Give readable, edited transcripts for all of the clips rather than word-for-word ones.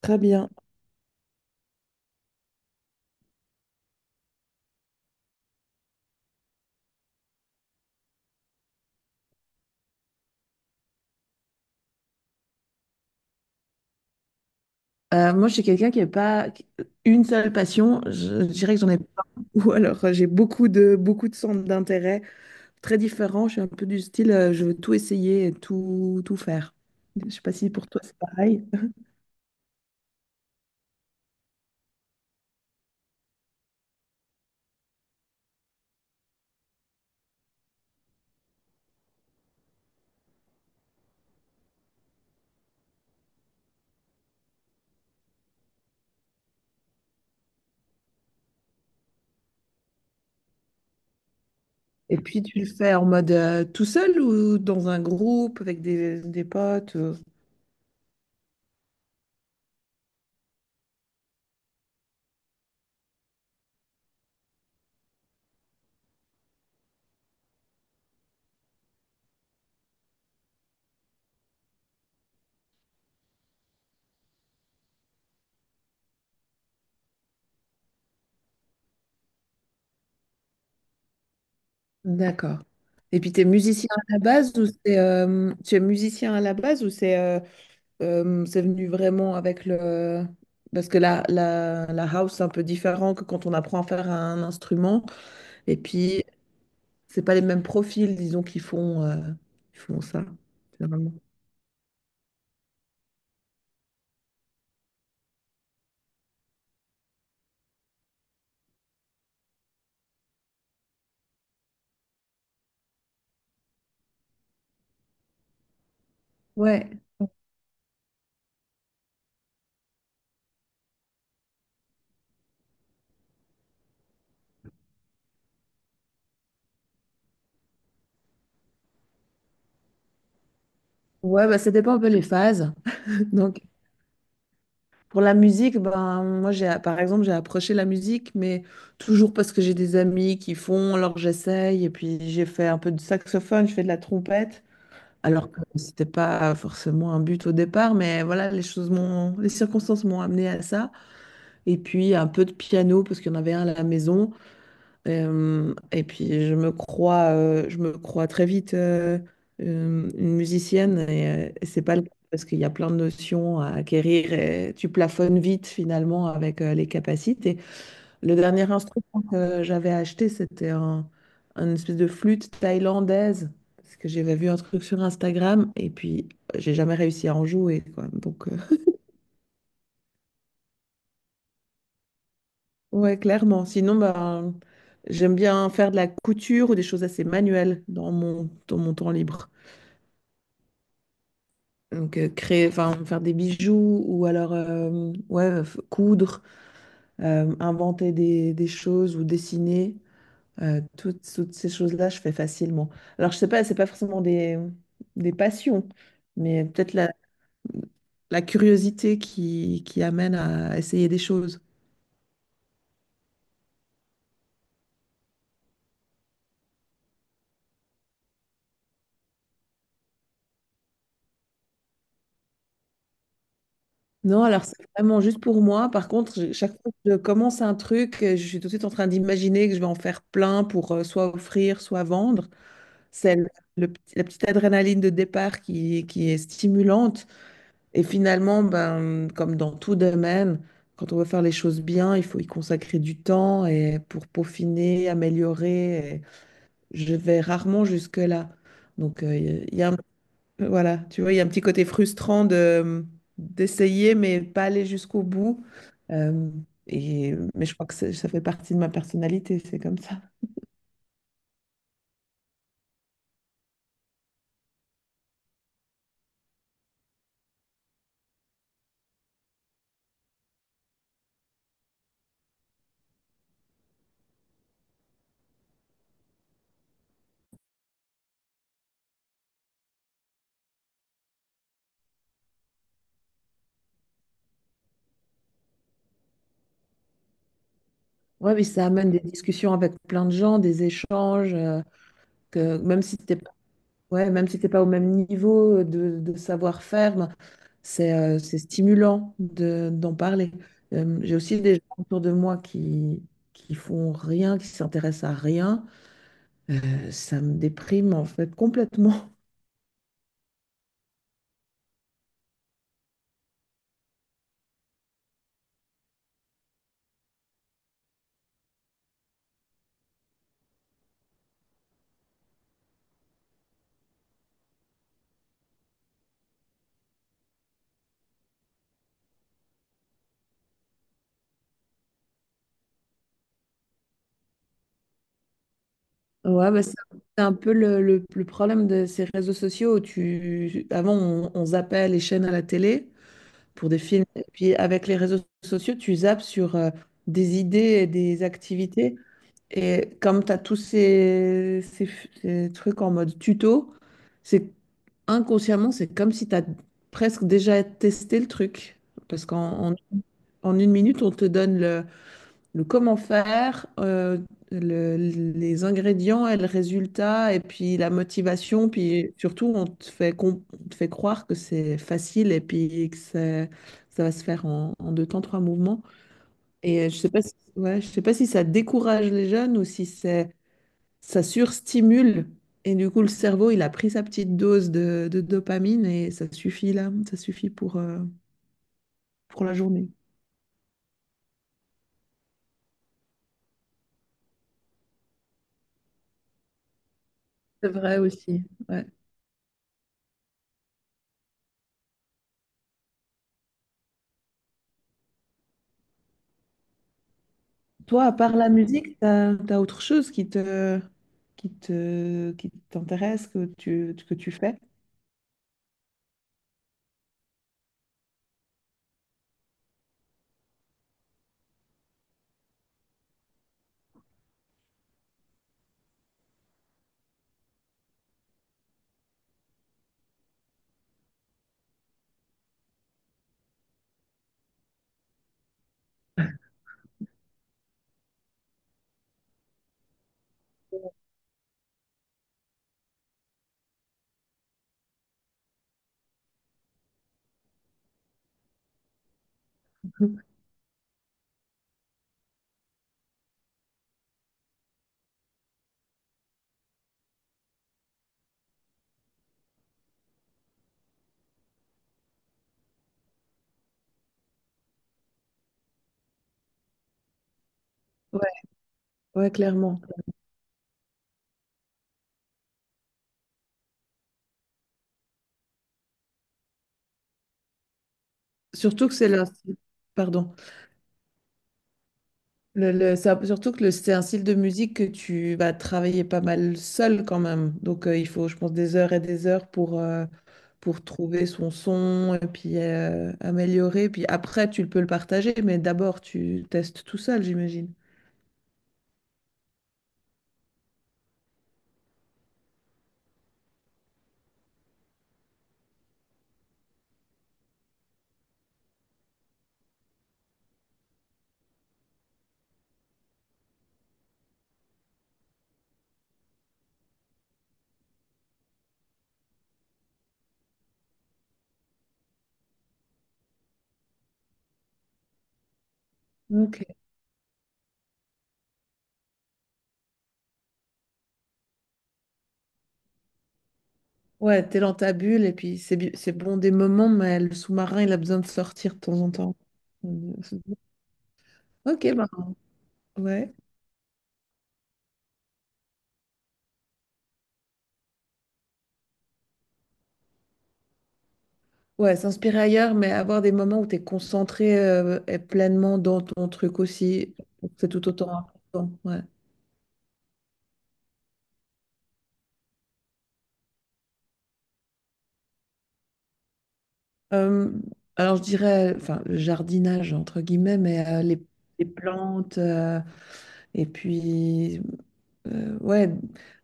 Très bien. Moi, je suis quelqu'un qui n'a pas une seule passion. Je dirais que j'en ai pas. Ou alors, j'ai beaucoup de centres d'intérêt très différents. Je suis un peu du style, je veux tout essayer et tout faire. Je ne sais pas si pour toi, c'est pareil. Et puis, tu le fais en mode tout seul ou dans un groupe avec des potes d'accord. Et puis, tu es musicien à la base ou c'est, tu es musicien à la base ou c'est euh, c'est venu vraiment avec le... Parce que la house, c'est un peu différent que quand on apprend à faire un instrument. Et puis, c'est pas les mêmes profils, disons, qui font ça, généralement. Ouais, ouais, bah, ça dépend un peu les phases. Donc, pour la musique, ben, moi, j'ai, par exemple, j'ai approché la musique, mais toujours parce que j'ai des amis qui font, alors j'essaye. Et puis, j'ai fait un peu de saxophone, je fais de la trompette. Alors que c'était pas forcément un but au départ, mais voilà, les choses m'ont, les circonstances m'ont amené à ça. Et puis un peu de piano parce qu'il y en avait un à la maison. Et puis je me crois très vite une musicienne et c'est pas le cas parce qu'il y a plein de notions à acquérir et tu plafonnes vite finalement avec les capacités. Le dernier instrument que j'avais acheté, une espèce de flûte thaïlandaise. Parce que j'avais vu un truc sur Instagram et puis j'ai jamais réussi à en jouer, quoi. Donc, ouais, clairement. Sinon, ben, j'aime bien faire de la couture ou des choses assez manuelles dans dans mon temps libre. Donc, créer, enfin, faire des bijoux ou alors, ouais, coudre, inventer des choses ou dessiner. Toutes ces choses-là, je fais facilement. Alors, je sais pas, c'est pas forcément des passions, mais peut-être la curiosité qui amène à essayer des choses. Non, alors c'est vraiment juste pour moi. Par contre, chaque fois que je commence un truc, je suis tout de suite en train d'imaginer que je vais en faire plein pour soit offrir, soit vendre. C'est la petite adrénaline de départ qui est stimulante. Et finalement, ben, comme dans tout domaine, quand on veut faire les choses bien, il faut y consacrer du temps et pour peaufiner, améliorer, et je vais rarement jusque-là. Donc, il y a, un- voilà, tu vois, il y a un petit côté frustrant de, d'essayer, mais pas aller jusqu'au bout. Euh, et, mais je crois que ça fait partie de ma personnalité, c'est comme ça. Ouais, mais ça amène des discussions avec plein de gens, des échanges, que même si t'es pas, ouais, même si t'es pas au même niveau de savoir-faire, ben, c'est stimulant de, d'en parler. J'ai aussi des gens autour de moi qui font rien, qui s'intéressent à rien. Ça me déprime en fait complètement. Ouais, bah, c'est un peu le problème de ces réseaux sociaux où tu... Avant, on zappait les chaînes à la télé pour des films. Et puis, avec les réseaux sociaux, tu zappes sur des idées et des activités. Et comme tu as tous ces trucs en mode tuto, c'est inconsciemment, c'est comme si tu as presque déjà testé le truc. Parce qu'en en, en une minute, on te donne le comment faire, les ingrédients et le résultat, et puis la motivation, puis surtout on te fait, on te fait croire que c'est facile et puis que ça va se faire en, en deux temps, trois mouvements. Et je sais pas si, ouais, je sais pas si ça décourage les jeunes ou si c'est, ça surstimule. Et du coup, le cerveau, il a pris sa petite dose de dopamine et ça suffit là, ça suffit pour la journée. C'est vrai aussi, ouais. Toi, à part la musique, t'as, t'as autre chose qui te, qui te, qui t'intéresse, que tu fais? Ouais, ouais, clairement. Surtout que c'est la... Pardon. Surtout que c'est un style de musique que tu vas travailler pas mal seul quand même. Donc il faut, je pense, des heures et des heures pour trouver son son et puis améliorer. Puis après, tu peux le partager, mais d'abord, tu testes tout seul, j'imagine. Ok. Ouais, t'es dans ta bulle et puis c'est bon des moments, mais le sous-marin, il a besoin de sortir de temps en temps. Ok, bah, ouais. Ouais, s'inspirer ailleurs, mais avoir des moments où tu es concentré et pleinement dans ton truc aussi, c'est tout autant important. Ouais. Euh, alors, je dirais, enfin, le jardinage, entre guillemets, mais les plantes, et puis, ouais,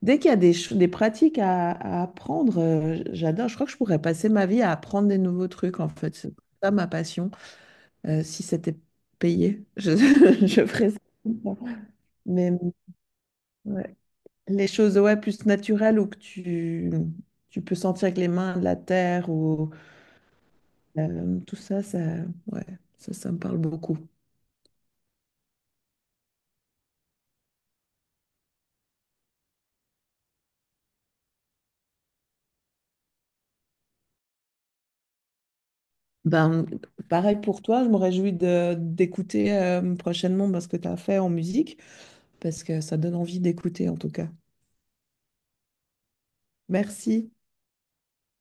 dès qu'il y a des pratiques à apprendre, j'adore. Je crois que je pourrais passer ma vie à apprendre des nouveaux trucs, en fait. C'est ça ma passion. Si c'était payé, je, je ferais ça. Mais ouais. Les choses, ouais, plus naturelles ou que tu peux sentir avec les mains de la terre ou tout ça, ça, ouais, ça me parle beaucoup. Ben, pareil pour toi, je me réjouis de d'écouter prochainement ben, ce que tu as fait en musique, parce que ça donne envie d'écouter en tout cas. Merci.